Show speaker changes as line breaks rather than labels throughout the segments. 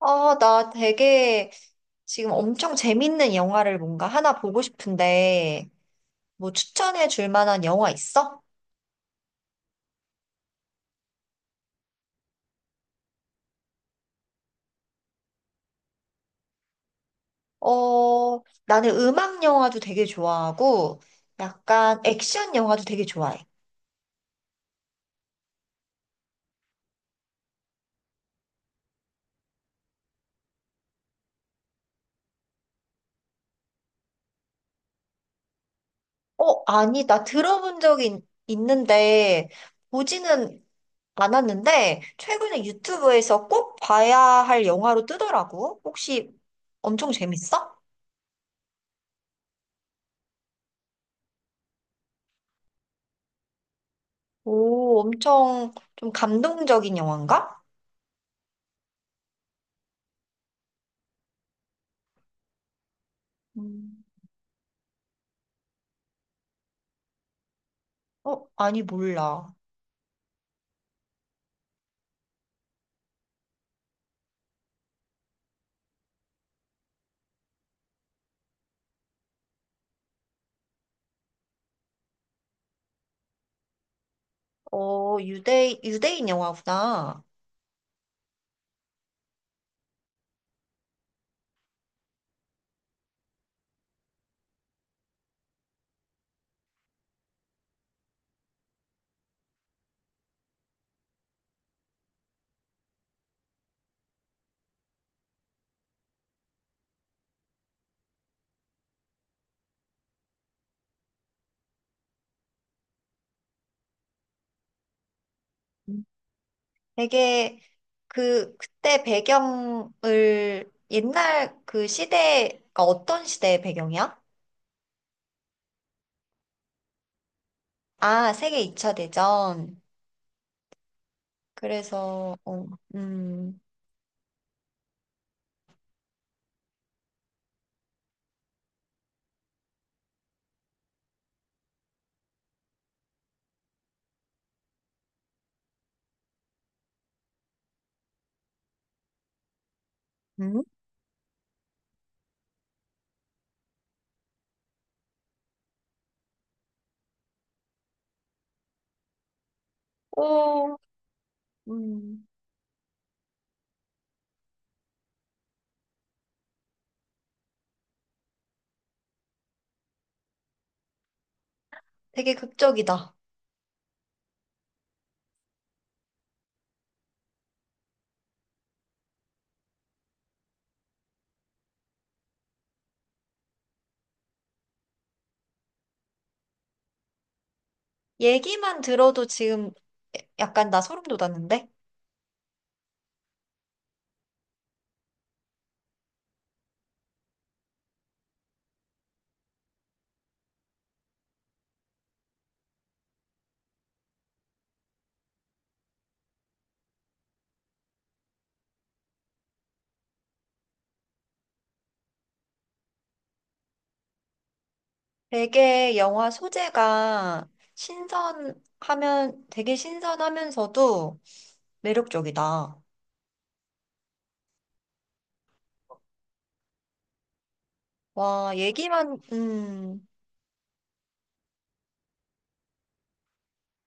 아, 나 되게 지금 엄청 재밌는 영화를 뭔가 하나 보고 싶은데, 뭐 추천해 줄 만한 영화 있어? 어, 나는 음악 영화도 되게 좋아하고, 약간 액션 영화도 되게 좋아해. 어, 아니, 나 들어본 적이 있는데, 보지는 않았는데, 최근에 유튜브에서 꼭 봐야 할 영화로 뜨더라고. 혹시 엄청 재밌어? 오, 엄청 좀 감동적인 영화인가? 음. 어, 아니, 몰라. 어, 유대인 영화구나. 음. 되게 그때 배경을 옛날 그 시대가 어떤 시대의 배경이야? 아, 세계 2차 대전. 그래서, 어, 음, 음? 오, 음, 되게 극적이다. 얘기만 들어도 지금 약간 나 소름 돋았는데? 되게 영화 소재가 되게 신선하면서도 매력적이다. 와, 얘기만,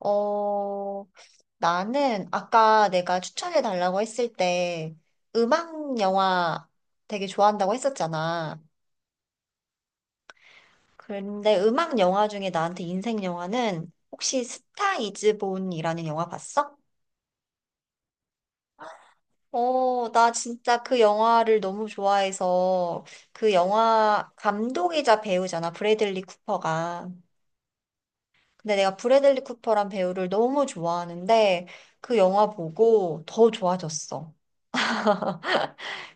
어, 나는 아까 내가 추천해 달라고 했을 때 음악 영화 되게 좋아한다고 했었잖아. 그런데 음악 영화 중에 나한테 인생 영화는 혹시 스타 이즈 본이라는 영화 봤어? 어, 나 진짜 그 영화를 너무 좋아해서 그 영화 감독이자 배우잖아, 브래들리 쿠퍼가. 근데 내가 브래들리 쿠퍼란 배우를 너무 좋아하는데 그 영화 보고 더 좋아졌어.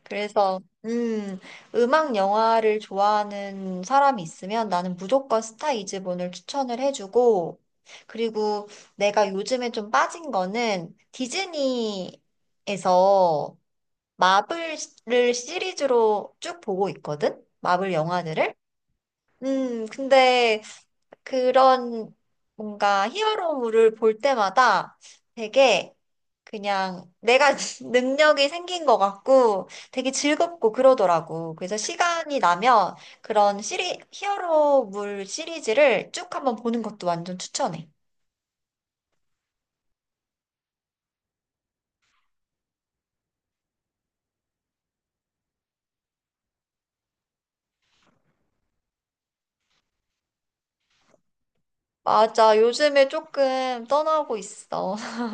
그래서 음, 음악 영화를 좋아하는 사람이 있으면 나는 무조건 스타 이즈본을 추천을 해주고, 그리고 내가 요즘에 좀 빠진 거는 디즈니에서 마블을 시리즈로 쭉 보고 있거든? 마블 영화들을? 근데 그런 뭔가 히어로물을 볼 때마다 되게 그냥 내가 능력이 생긴 것 같고 되게 즐겁고 그러더라고. 그래서 시간이 나면 히어로물 시리즈를 쭉 한번 보는 것도 완전 추천해. 맞아. 요즘에 조금 떠나고 있어.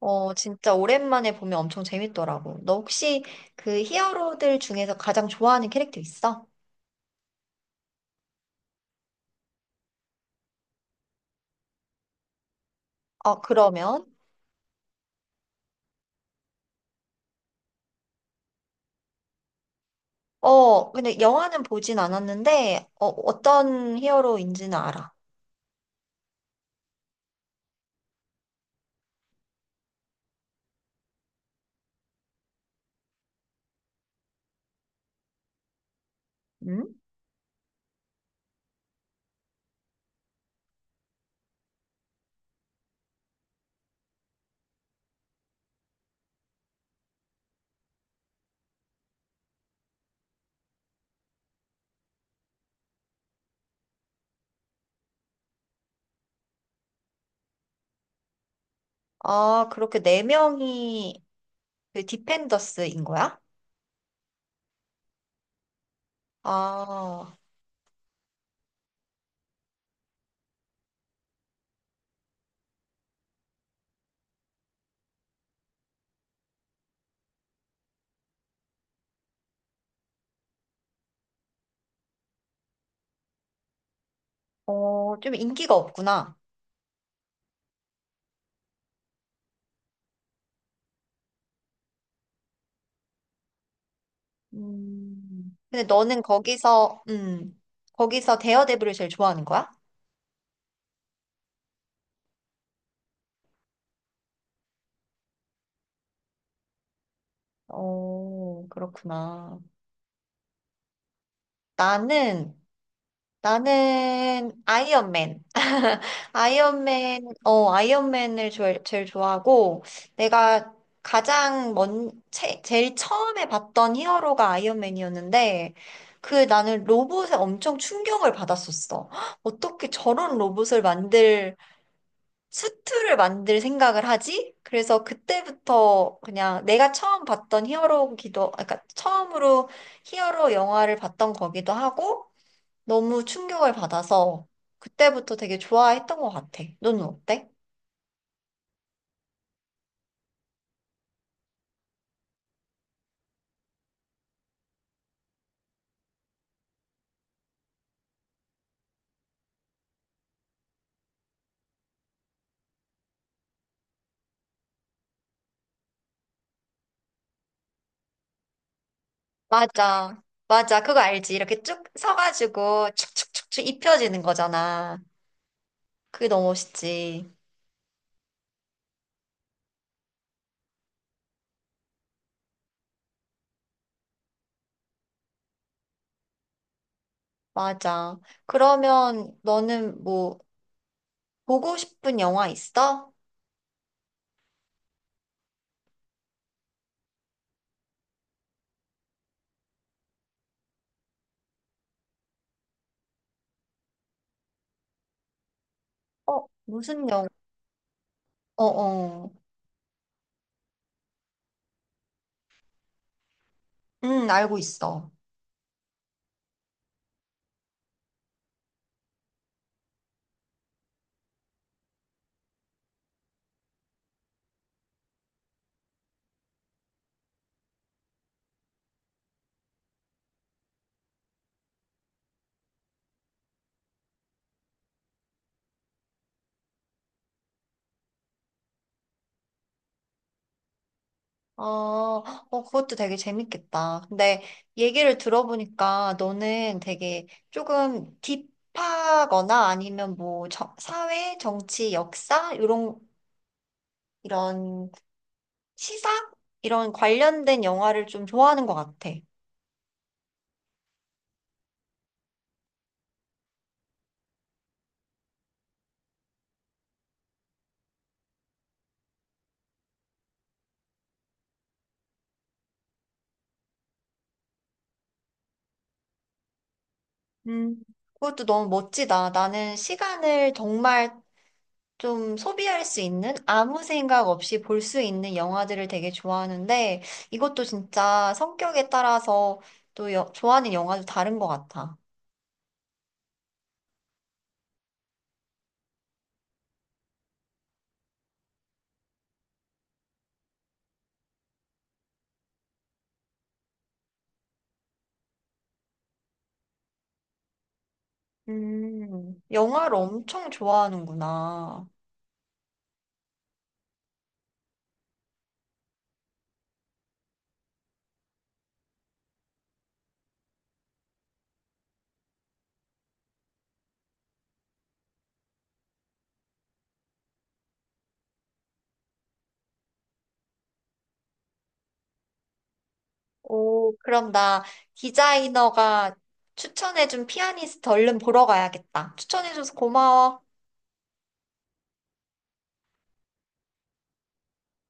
어, 진짜 오랜만에 보면 엄청 재밌더라고. 너 혹시 그 히어로들 중에서 가장 좋아하는 캐릭터 있어? 어, 그러면? 어, 근데 영화는 보진 않았는데, 어, 어떤 히어로인지는 알아. 응? 아, 그렇게 네 명이 그 디펜더스인 거야? 아, 어, 좀 인기가 없구나. 근데 너는 거기서, 거기서 데어데블을 제일 좋아하는 거야? 어, 그렇구나. 나는 나는 아이언맨. 아이언맨, 어, 아이언맨을 제 제일 좋아하고, 내가 제일 처음에 봤던 히어로가 아이언맨이었는데, 그 나는 로봇에 엄청 충격을 받았었어. 헉, 어떻게 저런 로봇을 만들, 수트를 만들 생각을 하지? 그래서 그때부터 그냥 내가 처음 봤던 히어로기도, 아, 그러니까 처음으로 히어로 영화를 봤던 거기도 하고, 너무 충격을 받아서 그때부터 되게 좋아했던 것 같아. 너는 어때? 맞아. 맞아. 그거 알지? 이렇게 쭉 서가지고 축축축축 입혀지는 거잖아. 그게 너무 멋있지. 맞아. 그러면 너는 뭐 보고 싶은 영화 있어? 어, 무슨 영화? 어어. 응, 알고 있어. 어, 어, 그것도 되게 재밌겠다. 근데 얘기를 들어보니까 너는 되게 조금 딥하거나 아니면 뭐 저- 사회, 정치, 역사 이런 시사 이런 관련된 영화를 좀 좋아하는 것 같아. 음, 그것도 너무 멋지다. 나는 시간을 정말 좀 소비할 수 있는 아무 생각 없이 볼 수 있는 영화들을 되게 좋아하는데 이것도 진짜 성격에 따라서 또 여- 좋아하는 영화도 다른 것 같아. 영화를 엄청 좋아하는구나. 오, 그럼 나 디자이너가 추천해준 피아니스트 얼른 보러 가야겠다. 추천해줘서 고마워.